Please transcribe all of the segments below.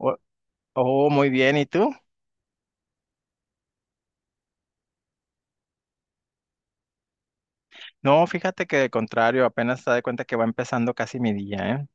Oh, oh, muy bien, ¿y tú? No, fíjate que de contrario, apenas te das cuenta que va empezando casi mi día, ¿eh?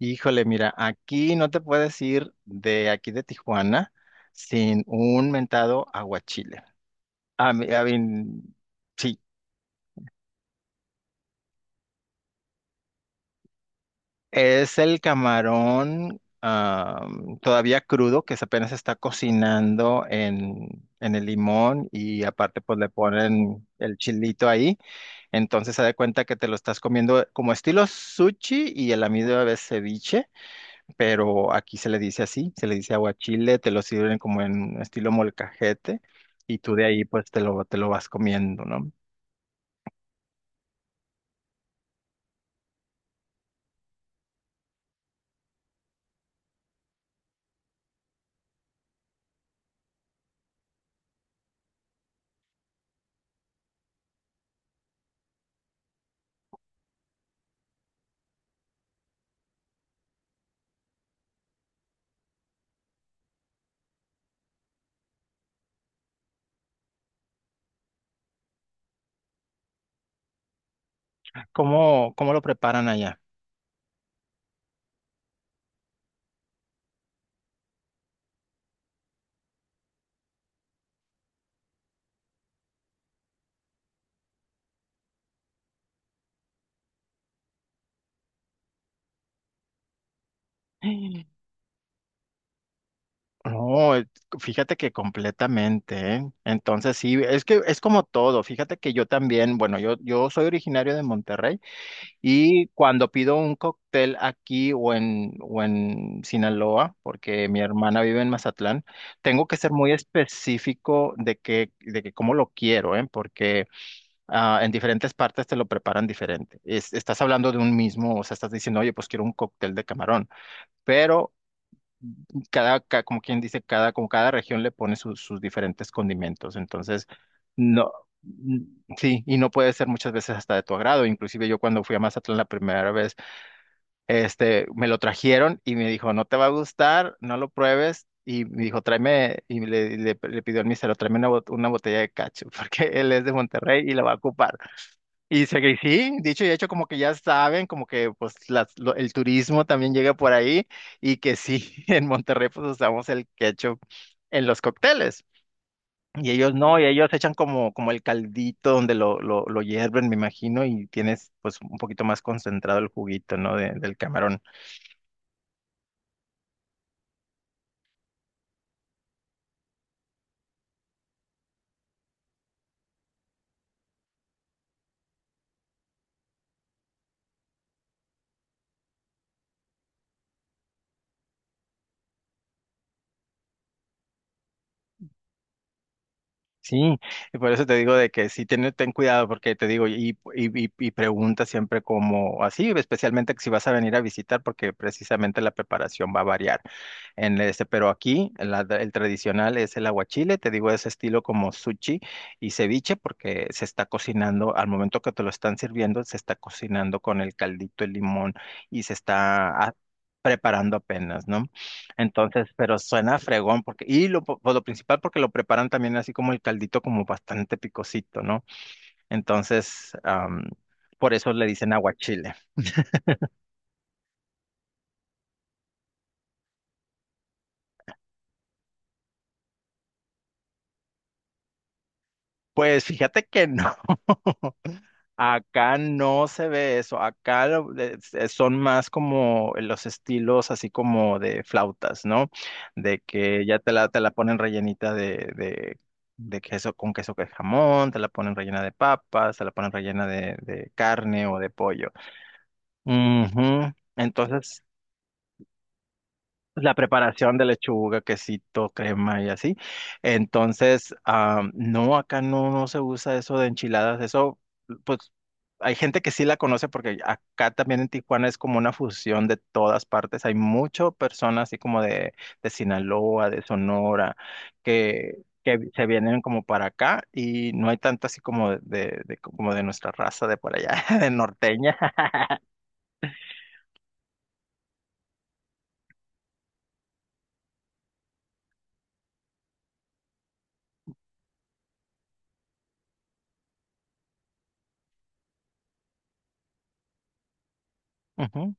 Híjole, mira, aquí no te puedes ir de aquí de Tijuana sin un mentado aguachile. A mí, sí, es el camarón todavía crudo que se apenas está cocinando en el limón, y aparte pues le ponen el chilito ahí. Entonces se da cuenta que te lo estás comiendo como estilo sushi y el amigo de ceviche, pero aquí se le dice así, se le dice aguachile, te lo sirven como en estilo molcajete y tú de ahí pues te lo vas comiendo, ¿no? ¿Cómo, cómo lo preparan allá? No, fíjate que completamente, ¿eh? Entonces sí, es que es como todo. Fíjate que yo también, bueno, yo soy originario de Monterrey, y cuando pido un cóctel aquí o en Sinaloa, porque mi hermana vive en Mazatlán, tengo que ser muy específico de que cómo lo quiero, ¿eh? Porque en diferentes partes te lo preparan diferente. Estás hablando de un mismo, o sea, estás diciendo, oye, pues quiero un cóctel de camarón. Pero cada, como quien dice, cada, como cada región le pone sus diferentes condimentos. Entonces, no, mm, sí, y no puede ser muchas veces hasta de tu agrado. Inclusive yo cuando fui a Mazatlán la primera vez, este, me lo trajeron y me dijo, no te va a gustar, no lo pruebes. Y me dijo, tráeme, y le pidió al mesero, tráeme una, una botella de cacho, porque él es de Monterrey y la va a ocupar. Y se que sí, dicho y hecho, como que ya saben, como que pues el turismo también llega por ahí y que sí, en Monterrey pues usamos el ketchup en los cócteles. Y ellos no, y ellos echan como, como el caldito donde lo, lo hierven, me imagino, y tienes pues un poquito más concentrado el juguito, ¿no? Del camarón. Sí, y por eso te digo de que sí, ten, ten cuidado, porque te digo, y pregunta siempre como así, especialmente que si vas a venir a visitar, porque precisamente la preparación va a variar. Pero aquí el tradicional es el aguachile, te digo, ese estilo como sushi y ceviche, porque se está cocinando, al momento que te lo están sirviendo, se está cocinando con el caldito, el limón, y se está preparando apenas, ¿no? Entonces, pero suena fregón, porque, y lo, pues, lo principal porque lo preparan también así como el caldito, como bastante picosito, ¿no? Entonces, por eso le dicen aguachile. Pues fíjate que no. Acá no se ve eso, acá son más como los estilos así como de flautas, ¿no? De que ya te la ponen rellenita de, de queso con queso que jamón, te la ponen rellena de papas, te la ponen rellena de carne o de pollo. Ujú. Entonces la preparación de lechuga, quesito, crema y así. Entonces, ah, no, acá no, no se usa eso de enchiladas. Eso, pues, hay gente que sí la conoce porque acá también en Tijuana es como una fusión de todas partes. Hay muchas personas así como de Sinaloa, de Sonora, que se vienen como para acá y no hay tanto así como de como de nuestra raza de por allá, de norteña. Ujú,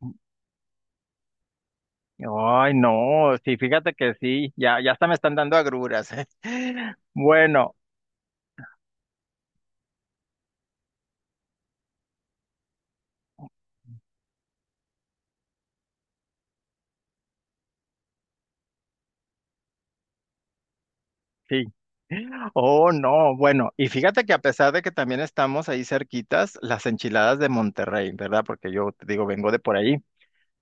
ujú. Ay, no, sí, fíjate que sí, ya, ya hasta me están dando agruras. Bueno, sí. Oh, no, bueno, y fíjate que a pesar de que también estamos ahí cerquitas, las enchiladas de Monterrey, ¿verdad? Porque yo te digo, vengo de por ahí.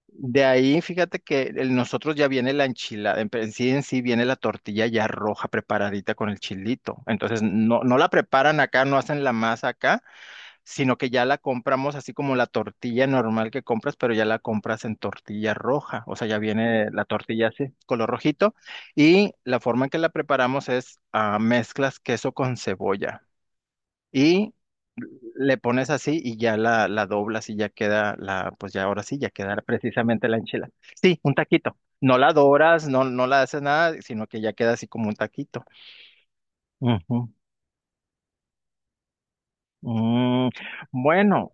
De ahí, fíjate que nosotros ya viene la enchilada, en sí viene la tortilla ya roja preparadita con el chilito. Entonces, no, no la preparan acá, no hacen la masa acá, sino que ya la compramos así como la tortilla normal que compras, pero ya la compras en tortilla roja, o sea, ya viene la tortilla así, color rojito, y la forma en que la preparamos es ah, mezclas queso con cebolla y le pones así y ya la doblas y ya queda la, pues ya ahora sí, ya queda precisamente la enchilada. Sí, un taquito. No la doras, no, no la haces nada, sino que ya queda así como un taquito. Ujú. Mm, bueno,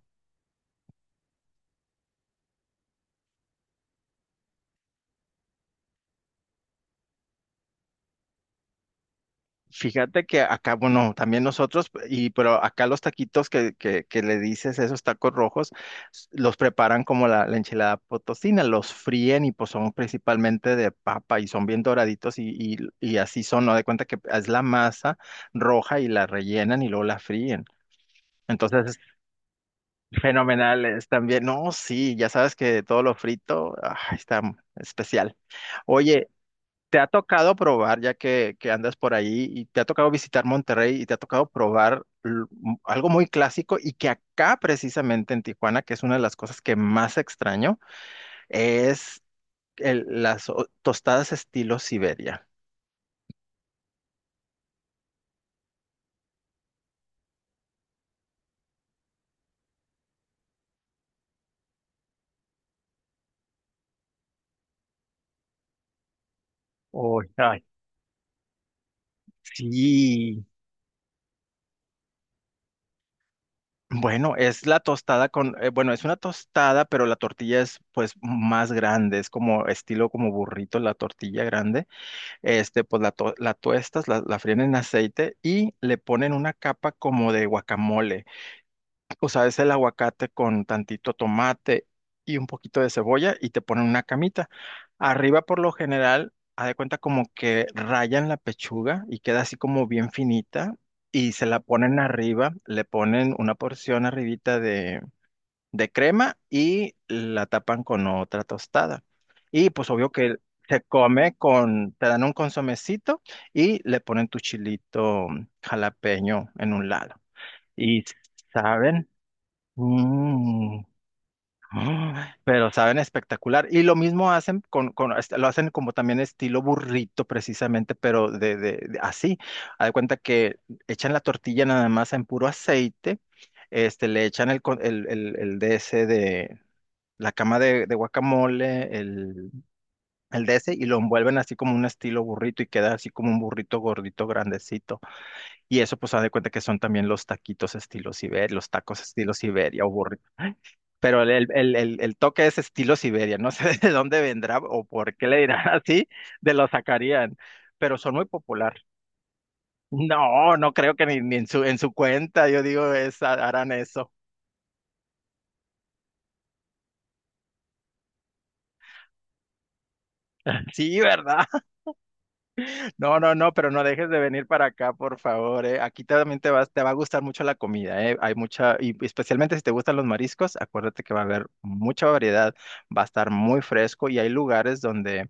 fíjate que acá, bueno, también nosotros, y pero acá los taquitos que le dices, esos tacos rojos, los preparan como la enchilada potosina, los fríen y pues son principalmente de papa y son bien doraditos y así son, ¿no? De cuenta que es la masa roja y la rellenan y luego la fríen. Entonces, fenomenales también, no, sí, ya sabes que todo lo frito, ah, está especial. Oye, ¿te ha tocado probar, ya que andas por ahí, y te ha tocado visitar Monterrey y te ha tocado probar algo muy clásico y que acá precisamente en Tijuana, que es una de las cosas que más extraño, es las tostadas estilo Siberia? Uy, ay, sí, bueno, es la tostada con, bueno, es una tostada, pero la tortilla es pues más grande, es como estilo como burrito la tortilla grande. Este, pues la, la tuestas, la fríen en aceite y le ponen una capa como de guacamole. O sea, es el aguacate con tantito tomate y un poquito de cebolla y te ponen una camita. Arriba, por lo general, haz de cuenta como que rayan la pechuga y queda así como bien finita y se la ponen arriba, le ponen una porción arribita de crema y la tapan con otra tostada. Y pues obvio que se come con, te dan un consomecito y le ponen tu chilito jalapeño en un lado. Y saben, mm, pero saben espectacular. Y lo mismo hacen con, lo hacen como también estilo burrito precisamente, pero así. Haz de cuenta que echan la tortilla nada más en puro aceite. Este, le echan el, el de ese de, la cama de guacamole, el de ese, y lo envuelven así como un estilo burrito y queda así como un burrito gordito, grandecito. Y eso pues haz de cuenta que son también los taquitos estilo Siberia, los tacos estilo Siberia o burrito. Pero el toque es estilo Siberia, no sé de dónde vendrá o por qué le dirán así, de lo sacarían, pero son muy popular. No, no creo que ni en su cuenta, yo digo, es, harán eso. Sí, ¿verdad? No, no, no, pero no dejes de venir para acá, por favor, eh. Aquí también te vas, te va a gustar mucho la comida, eh. Hay mucha, y especialmente si te gustan los mariscos, acuérdate que va a haber mucha variedad, va a estar muy fresco y hay lugares donde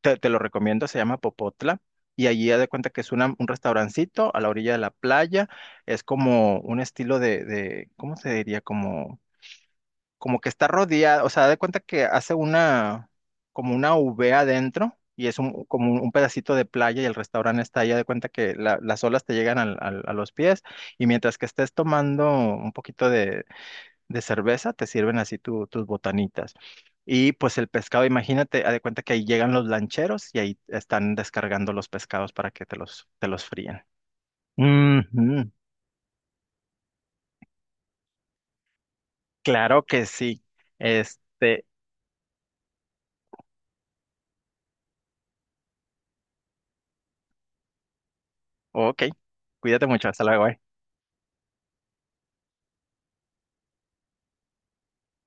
te lo recomiendo, se llama Popotla. Y allí haz de cuenta que es un restaurancito a la orilla de la playa. Es como un estilo ¿cómo se diría? Como como que está rodeada, o sea, de cuenta que hace una, como una V adentro y es un, como un pedacito de playa y el restaurante está allá, de cuenta que las olas te llegan a los pies y mientras que estés tomando un poquito de cerveza, te sirven así tus botanitas. Y pues el pescado, imagínate, haz de cuenta que ahí llegan los lancheros y ahí están descargando los pescados para que te los fríen. Ujú, claro que sí. Este, ok, cuídate mucho, hasta luego. ¿Eh?